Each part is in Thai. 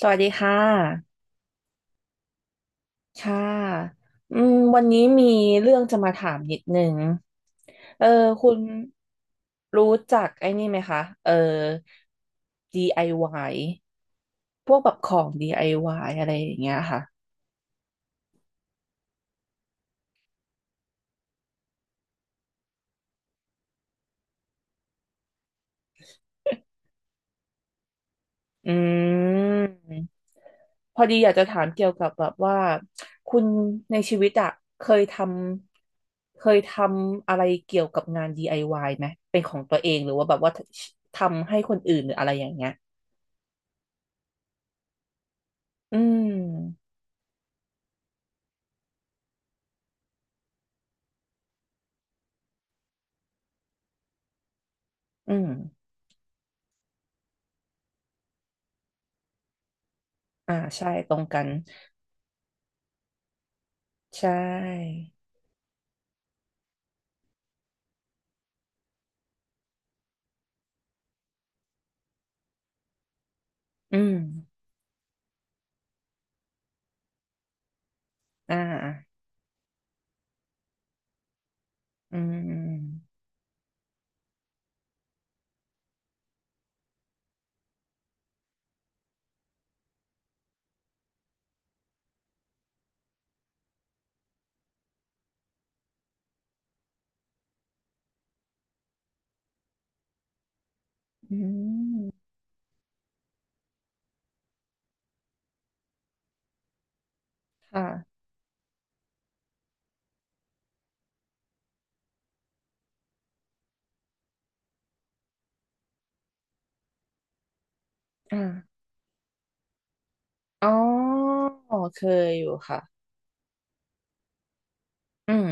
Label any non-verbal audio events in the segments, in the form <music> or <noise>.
สวัสดีค่ะค่ะวันนี้มีเรื่องจะมาถามนิดนึงเออคุณรู้จักไอ้นี่ไหมคะ DIY พวกแบบของ DIY อวายอะไรอย่างเงี้ยค่ะ อืมพอดีอยากจะถามเกี่ยวกับแบบว่า คุณในชีวิตอะเคยทเคยทำอะไรเกี่ยวกับงาน DIY ไอวายไหมเป็นของตัวเองหรือว่าแบบว่าทำให้คนอื่นหรืออะไรอย่างเงี้ย อืมอืมอ่าใช่ตรงกัน ใช่อืมอ่าอืมอืมค่ะอ่าอ๋อเคยอยู่ค่ะอืม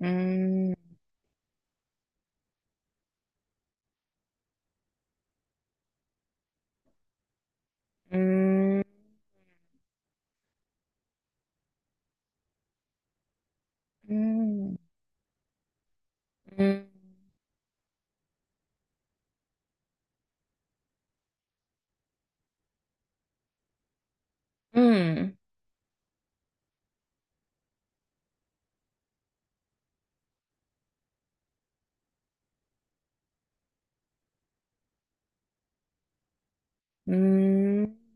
อืมอืมอืมอืมอืม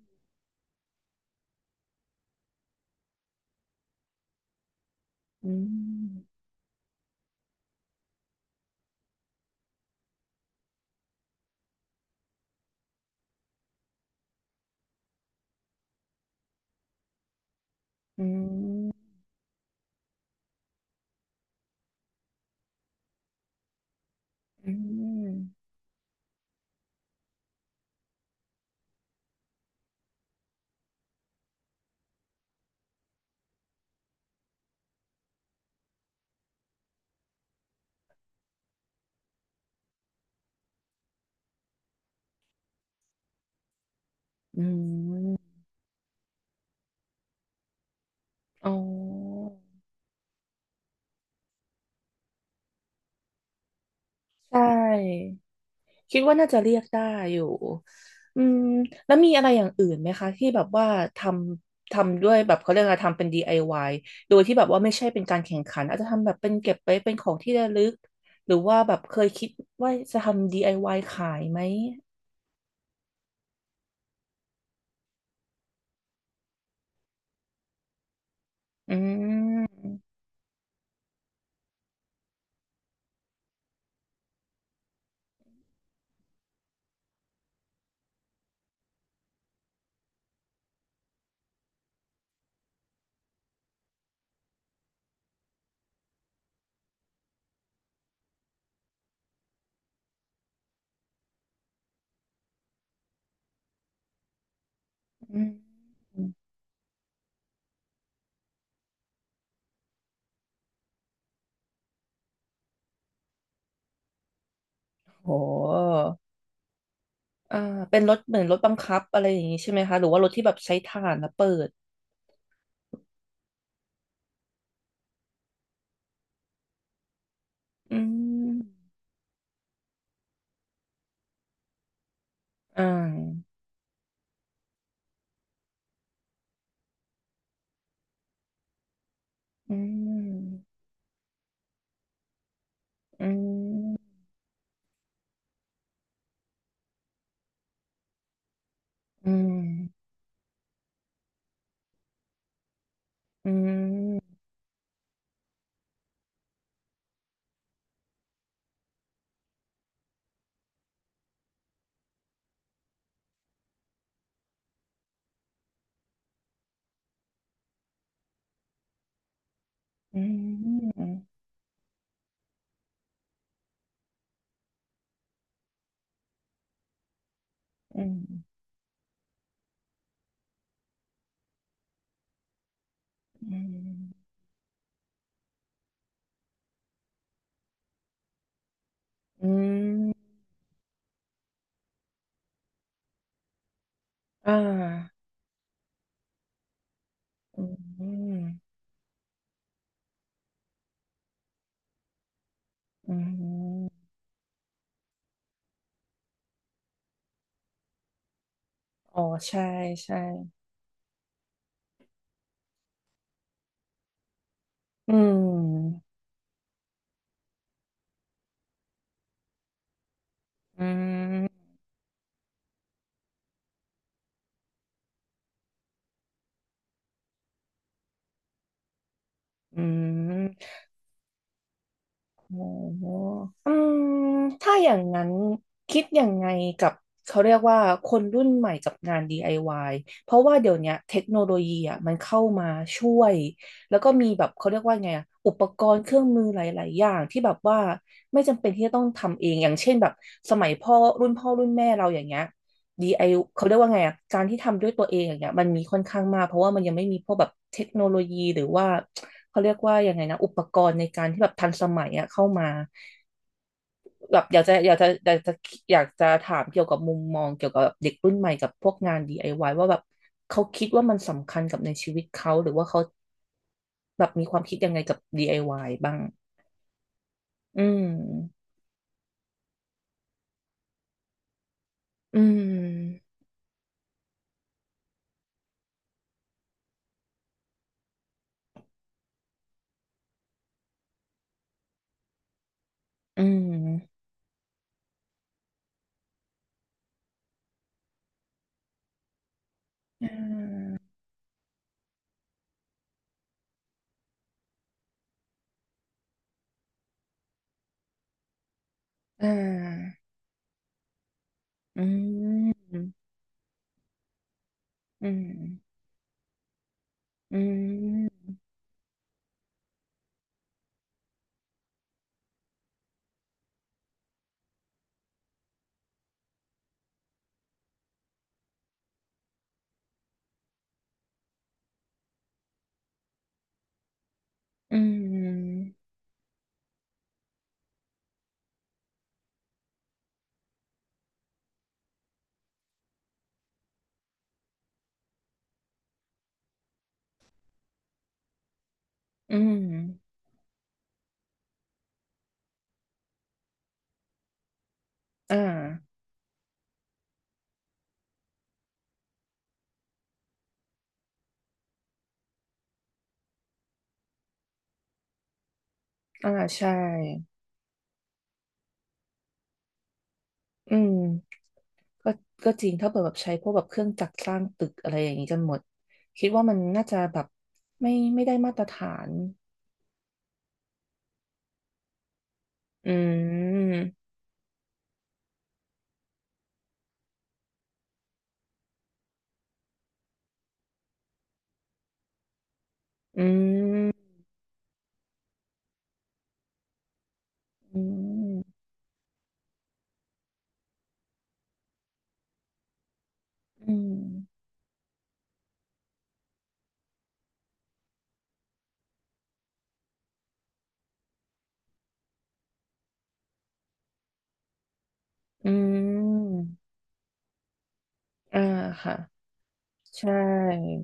อืมอืมอืมอืมอืมอ๋อใช่ คิดว่าน่าจะเรียกได้อยู่อืมแล้วมีอะไรอย่างอื่นไหมคะที่แบบว่าททำด้วยแบบเขาเรียกอะไรทำเป็น DIY โดยที่แบบว่าไม่ใช่เป็นการแข่งขันอาจจะทำแบบเป็นเก็บไว้เป็นของที่ระลึกหรือว่าแบบเคยคิดว่าจะทำ DIY ขายไหมอืมอืมโหอ่าเป็นรถเหมือนรถบังคับอะไรอย่างนี้ใช่ไหมคะหรือว่ารถที่แบบใช้ถ่านแล้วเปิดอืมอ่าอืมอืมอืม อืมอืมอืมอืมอืมอมอ่าอืมอืมอ๋อใช่ใช่อืมอืมอืม โอ้โหอืมถ้าอย่างนั้นคิดยังไงกับเขาเรียกว่าคนรุ่นใหม่กับงาน DIY เพราะว่าเดี๋ยวเนี้ยเทคโนโลยีอ่ะมันเข้ามาช่วยแล้วก็มีแบบเขาเรียกว่าไงอะอุปกรณ์เครื่องมือหลายๆอย่างที่แบบว่าไม่จำเป็นที่จะต้องทำเองอย่างเช่นแบบสมัยพ่อรุ่นพ่อรุ่นแม่เราอย่างเงี้ย DIY เขาเรียกว่าไงอะการที่ทำด้วยตัวเองอย่างเงี้ยมันมีค่อนข้างมากเพราะว่ามันยังไม่มีพวกแบบเทคโนโลยีหรือว่าเขาเรียกว่ายังไงนะอุปกรณ์ในการที่แบบทันสมัยอะเข้ามาแบบอยากจะอยากจะอยากจะอยากจะถามเกี่ยวกับมุมมองเกี่ยวกับเด็กรุ่นใหม่กับพวกงาน DIY วายว่าแบบเขาคิดว่ามันสำคัญกับในชีวิตเขาหรือว่าเขาแบบมีความคิดยังไงกับ DIY บ้างอืมอืมอืมอ่าอืมอืมอืม อืมอืมอ่าอ่าใช่ อืมก็ก็จริงถ้าเปิดแบบใช้พวกแบบเครื่องจักรสร้างตึกอะไรอย่างนี้จนหมดคิดว่ามันน่าจะแบบไม่ได้มาตรฐาน อืมอืมอืมอืมอืมอ่าค่ะใช่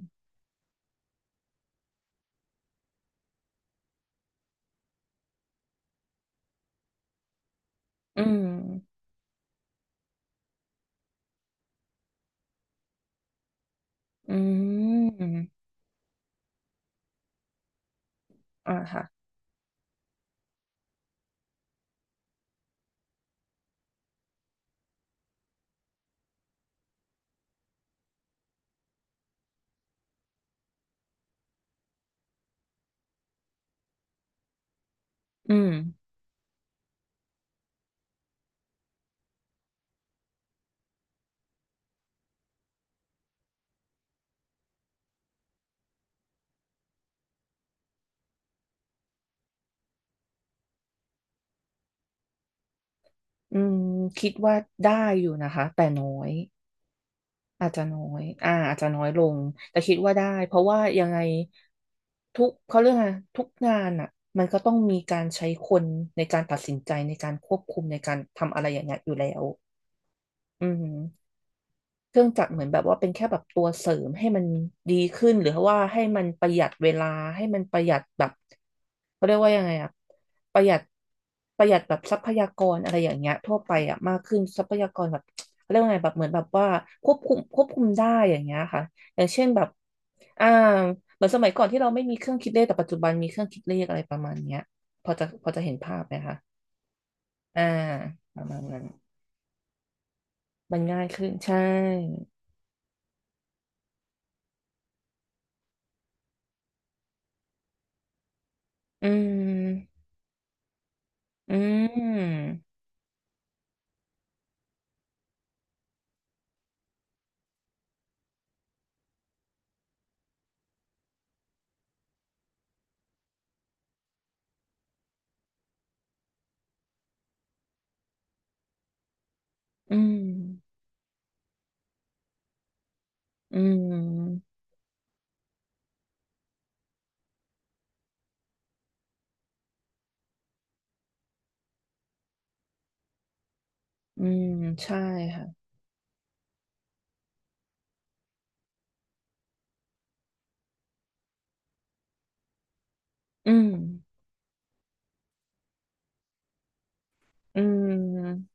อืมอืมอ่าค่ะอืมอืมคิดว่าได้อยู่นะคะแต่น้อย อาจจะน้อยอาจจะน้อยลง แต่คิดว่าได้ เพราะว่ายังไงทุกเขาเรื่องอะไรทุกงานอ่ะมันก็ต้องมีการใช้คนในการตัดสินใจในการควบคุมในการทำอะไรอย่างเงี้ยอยู่แล้วอืม เครื่องจักรเหมือนแบบว่าเป็นแค่แบบตัวเสริมให้มันดีขึ้นหรือว่าให้มันประหยัดเวลาให้มันประหยัดแบบเขาเรียกว่ายังไงอะประหยัดประหยัดแบบทรัพยากรอะไรอย่างเงี้ยทั่วไปอะมากขึ้นทรัพยากรแบบเขาเรียกว่าไงแบบเหมือนแบบว่าควบคุมได้อย่างเงี้ยค่ะอย่างเช่นแบบอ่าเหมือนสมัยก่อนที่เราไม่มีเครื่องคิดเลขแต่ปัจจุบันมีเครื่องคิดเลขอะไรประมาณเนี้ยพอจะพอจะเห็นภาพไหมคะอ่าประมาณนั้นมันง่ายขึ้นใช่อืม อืมอืมอืมอืม ใช่ค่ะอืมอืม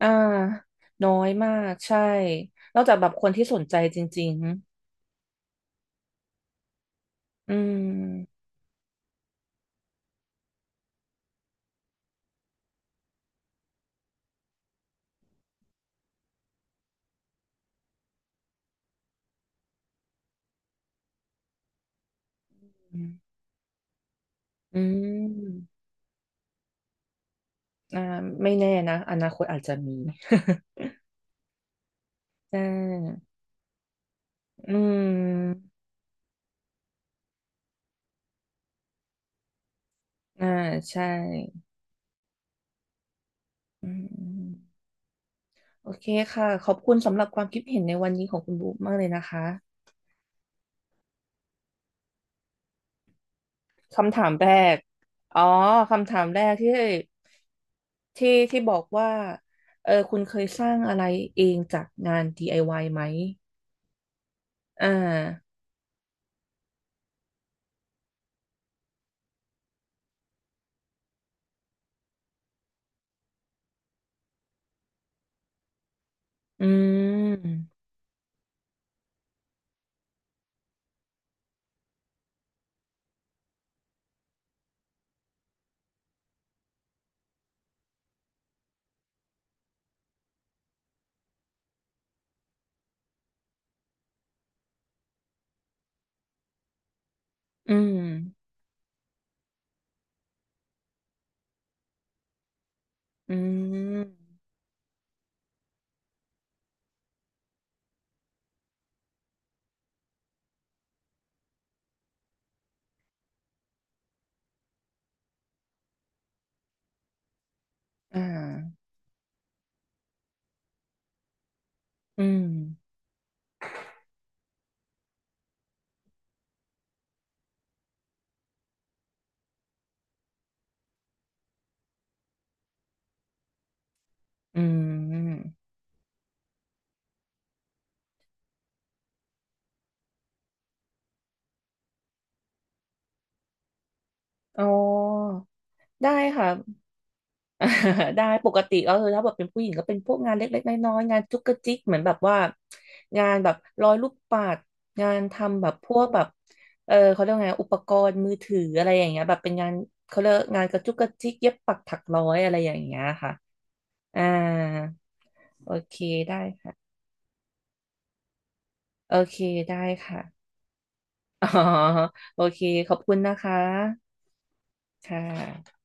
อ่าน้อยมาก ใช่นอกจากแบบคนที่สนใจจริงๆอืมอืมอ่าไม่แน่นะอนาคตอาจจะมี <laughs> ใช่อืมอ่าใช่อืมโอเคค่ะ ขอบคุณสำหรับความคิดเห็นในวันนี้ของคุณบุ๊กมากเลยนะคะ คำถามแรก อ๋อคำถามแรกที่ที่บอกว่าเออคุณเคยสร้างอะไรเองจากงาน DIY ไอวายไหมอ่าอืมอืมอืมอ่าอืมอืมอ๋อ ได้ค่ะ <laughs> อ่า <laughs> ได้ปกติก็คือถ้าแบบเป็นผู้หญิงก็เป็นพวกงานเล็กๆน้อยๆงานจุกกระจิกเหมือนแบบว่างานแบบร้อยลูกปัดงานทำแบบพวกแบบเออเขาเรียกว่าไงอุปกรณ์มือถืออะไรอย่างเงี้ยแบบเป็นงานเขาเรียกงานกระจุกกระจิกเย็บปักถักร้อยอะไรอย่างเงี้ยค่ะอ่าโอเคได้ค่ะ <laughs> โอเคได้ค่ะอ๋อโอเคขอบคุณนะคะค่ะ